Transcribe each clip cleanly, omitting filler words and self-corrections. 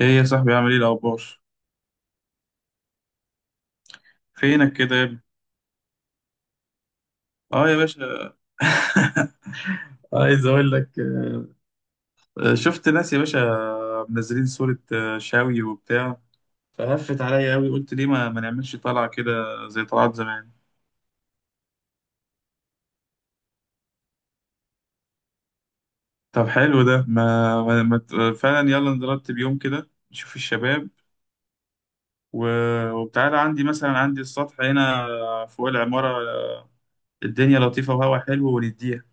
ايه يا صاحبي، عامل ايه الاخبار؟ فينك كده يا ابني؟ اه يا باشا. عايز اقول لك. شفت ناس يا باشا، منزلين صورة، شاوي وبتاع. فهفت عليا قوي، قلت ليه ما نعملش طلعة كده؟ زي طلعات زمان. طب حلو ده. ما, ما, ما ت- فعلا، يلا نرتب يوم كده نشوف الشباب. و... وبتعالى عندي، مثلا عندي السطح هنا فوق العمارة، الدنيا لطيفة وهوا حلو ونديها.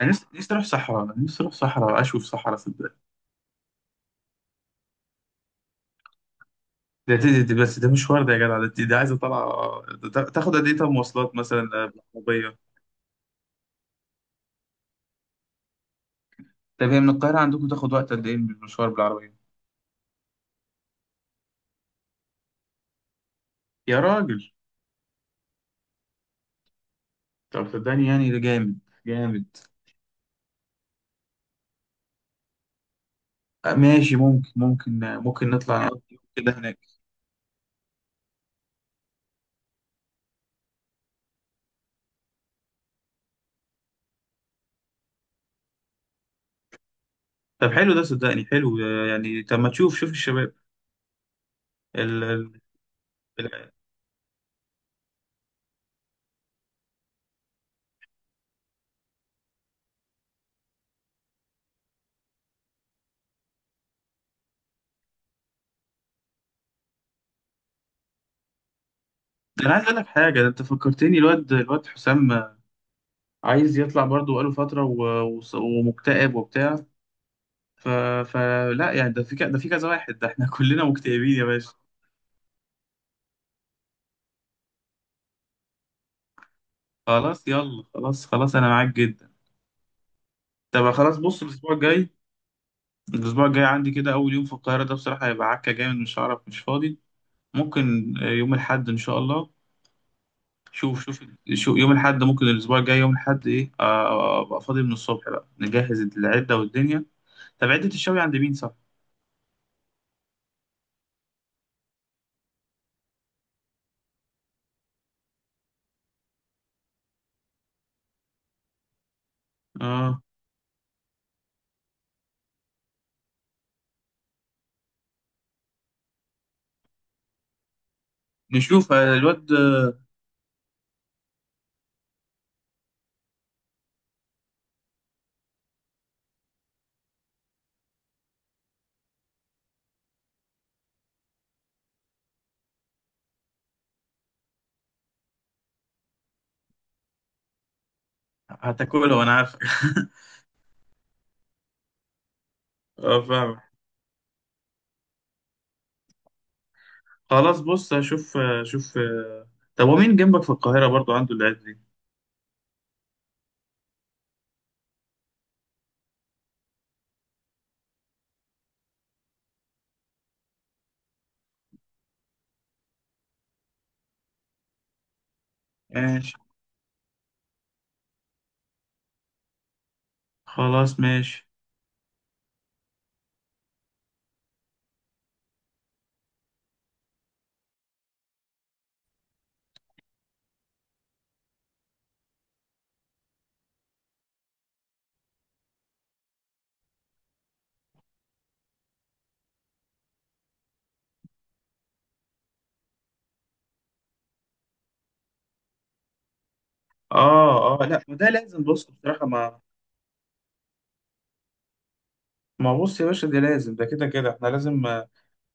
انا نفسي نفسي اروح صحراء، نفسي اروح صحراء، اشوف صحراء. ده دي بس، ده مشوار، ده يا جدع، ده دي عايزه طالعه، ده تاخد قد ايه؟ طب مواصلات مثلا، بالعربيه. طب هي من القاهره عندكم تاخد وقت قد ايه بالمشوار، بالعربيه؟ يا راجل. طب صدقني يعني ده جامد. جامد. ماشي، ممكن، ممكن نطلع نقضي يوم كده هناك. طب حلو ده، صدقني حلو، يعني. طب ما تشوف شوف الشباب. ال... ال... ال... ده انا عايز اقول لك حاجه، ده انت فكرتني، الواد حسام، عايز يطلع برضه، بقاله فتره، ومكتئب وبتاع. ف... فلا يعني، ده في كذا واحد، ده احنا كلنا مكتئبين يا باشا. خلاص يلا، خلاص، انا معاك جدا. طب خلاص، بص. الاسبوع الجاي، الاسبوع الجاي عندي كده اول يوم في القاهرة ده بصراحة هيبقى عكة جامد، مش هعرف، مش فاضي. ممكن يوم الاحد ان شاء الله. شوف شوف. شوف يوم الاحد، ممكن الاسبوع الجاي يوم الاحد ايه، ابقى فاضي من الصبح، بقى نجهز العدة والدنيا. طب عدة الشوي عند مين، صح؟ اه، نشوف الواد، هتاكله وانا عارفك. اه، فاهمك. خلاص بص، هشوف. شوف، طب ومين جنبك في القاهرة برضو عنده العيادة دي؟ ماشي، خلاص ماشي. اه اه، لا، ما ده لازم، بص بصراحة، ما، بص يا باشا، ده لازم، ده كده كده احنا لازم.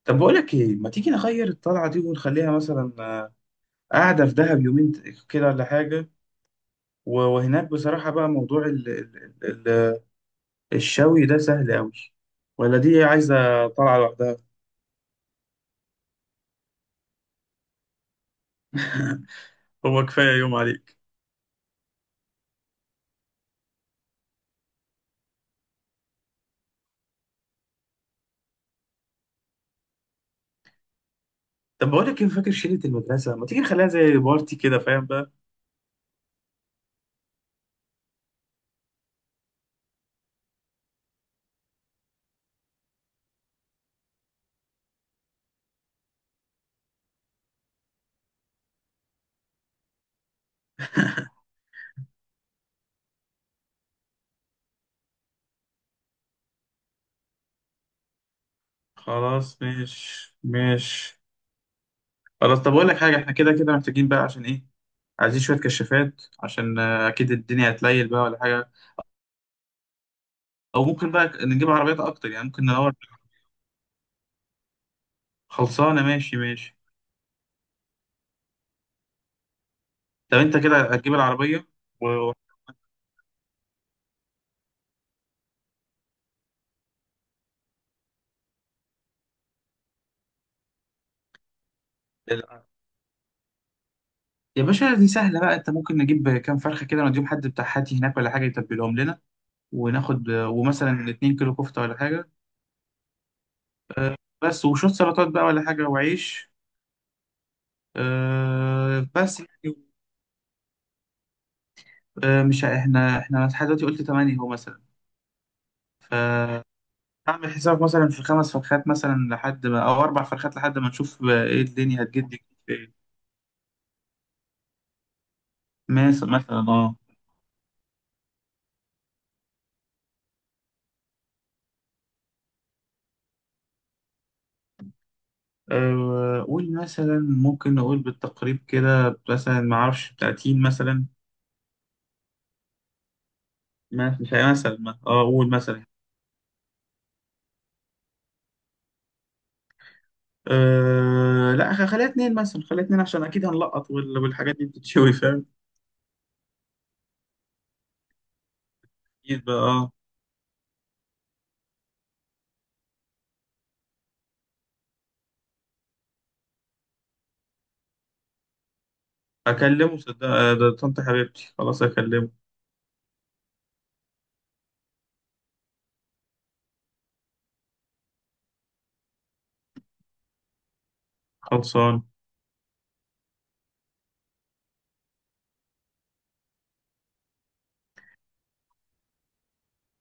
طب بقول لك ايه، ما تيجي نغير الطلعة دي ونخليها مثلا، قاعدة في دهب يومين كده ولا حاجة. وهناك بصراحة بقى موضوع ال... ال... الشوي ده سهل قوي، ولا دي عايزة طلعة لوحدها. هو كفاية يوم عليك. طب بقول لك ايه، فاكر شلة المدرسة؟ ما تيجي نخليها زي بارتي كده، فاهم بقى؟ خلاص، مش مش خلاص. طب بقول لك حاجة، احنا كده كده محتاجين بقى، عشان ايه؟ عايزين شوية كشافات، عشان اكيد الدنيا هتليل بقى ولا حاجة. او ممكن بقى نجيب عربيات اكتر، يعني ممكن ندور. خلصانة ماشي ماشي. طب انت كده هتجيب العربية؟ و... ال- يا باشا دي سهلة بقى، انت ممكن نجيب كام فرخة كده، نديهم حد بتاع حاتي هناك ولا حاجة يتبلهم لنا، وناخد ومثلا 2 كيلو كفتة ولا حاجة، آه، بس وشوية سلطات بقى ولا حاجة، وعيش. أه بس يعني. أه، مش ه- احنا لحد دلوقتي قلت تمانية هو مثلا. فاعمل حساب، مثلا في خمس فرخات مثلا لحد ما، او اربع فرخات لحد ما نشوف بقى ايه الدنيا هتجد. في ايه؟ مثلا اه، أه قول مثلا، ممكن نقول بالتقريب كده مثلا، ما اعرفش 30 مثلا، مش عارف مثلا، اه قول مثلا. أه لا، خليها اتنين مثلا، خليها اتنين عشان اكيد هنلقط، والحاجات دي بتتشوي، فاهم. اكيد بقى، اه. اكلمه صدق، ده طنط حبيبتي خلاص، اكلمه. خلصان.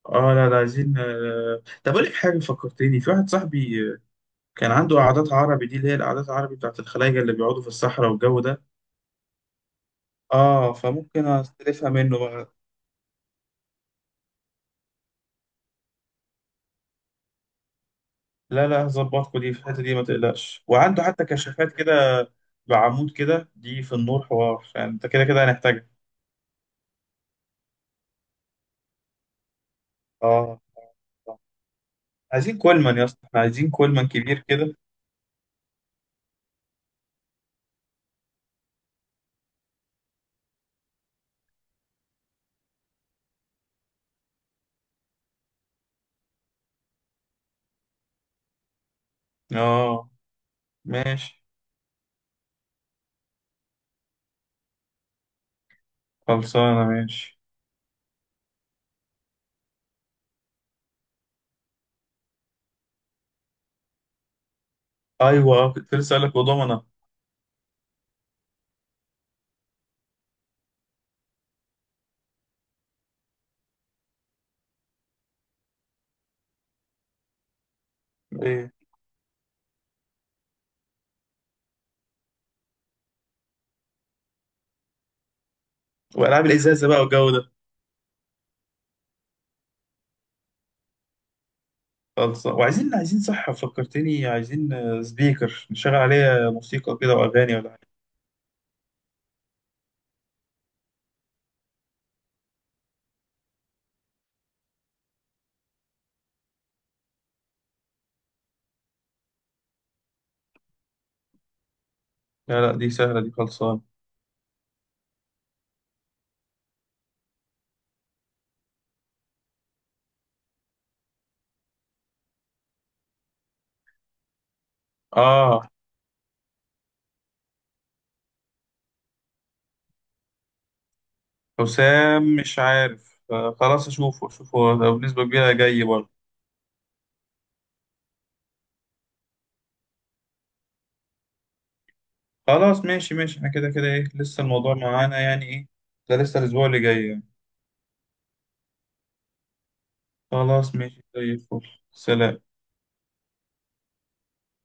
اه، لا لا، عايزين طب اقول لك حاجه، فكرتني في واحد صاحبي، كان عنده قعدات عربي دي، اللي هي القعدات العربي بتاعت الخلايجه اللي بيقعدوا في الصحراء والجو ده. اه، فممكن استلفها منه بقى. لا لا، هظبطكوا دي في الحته دي، ما تقلقش، وعنده حتى كشافات كده بعمود كده، دي في النور حوار، فانت كده كده هنحتاجها. اه، عايزين كولمان يا اسطى، احنا عايزين كولمان كبير كده. اه ماشي، خلصانه ماشي. ايوه، كنت لسه اقول لك وضمنه، ايه؟ والعاب الازازه بقى والجو ده. خلص، وعايزين صح، فكرتني، عايزين سبيكر نشغل عليه موسيقى كده واغاني ولا حاجه. لا لا، دي سهله دي، خلصان. اه حسام مش عارف، خلاص اشوفه، اشوفه هو بنسبه كبيره جاي برضه. خلاص ماشي ماشي، احنا كده كده ايه، لسه الموضوع معانا يعني، ايه ده لسه الاسبوع اللي جاي يعني. خلاص ماشي، زي الفل. سلام.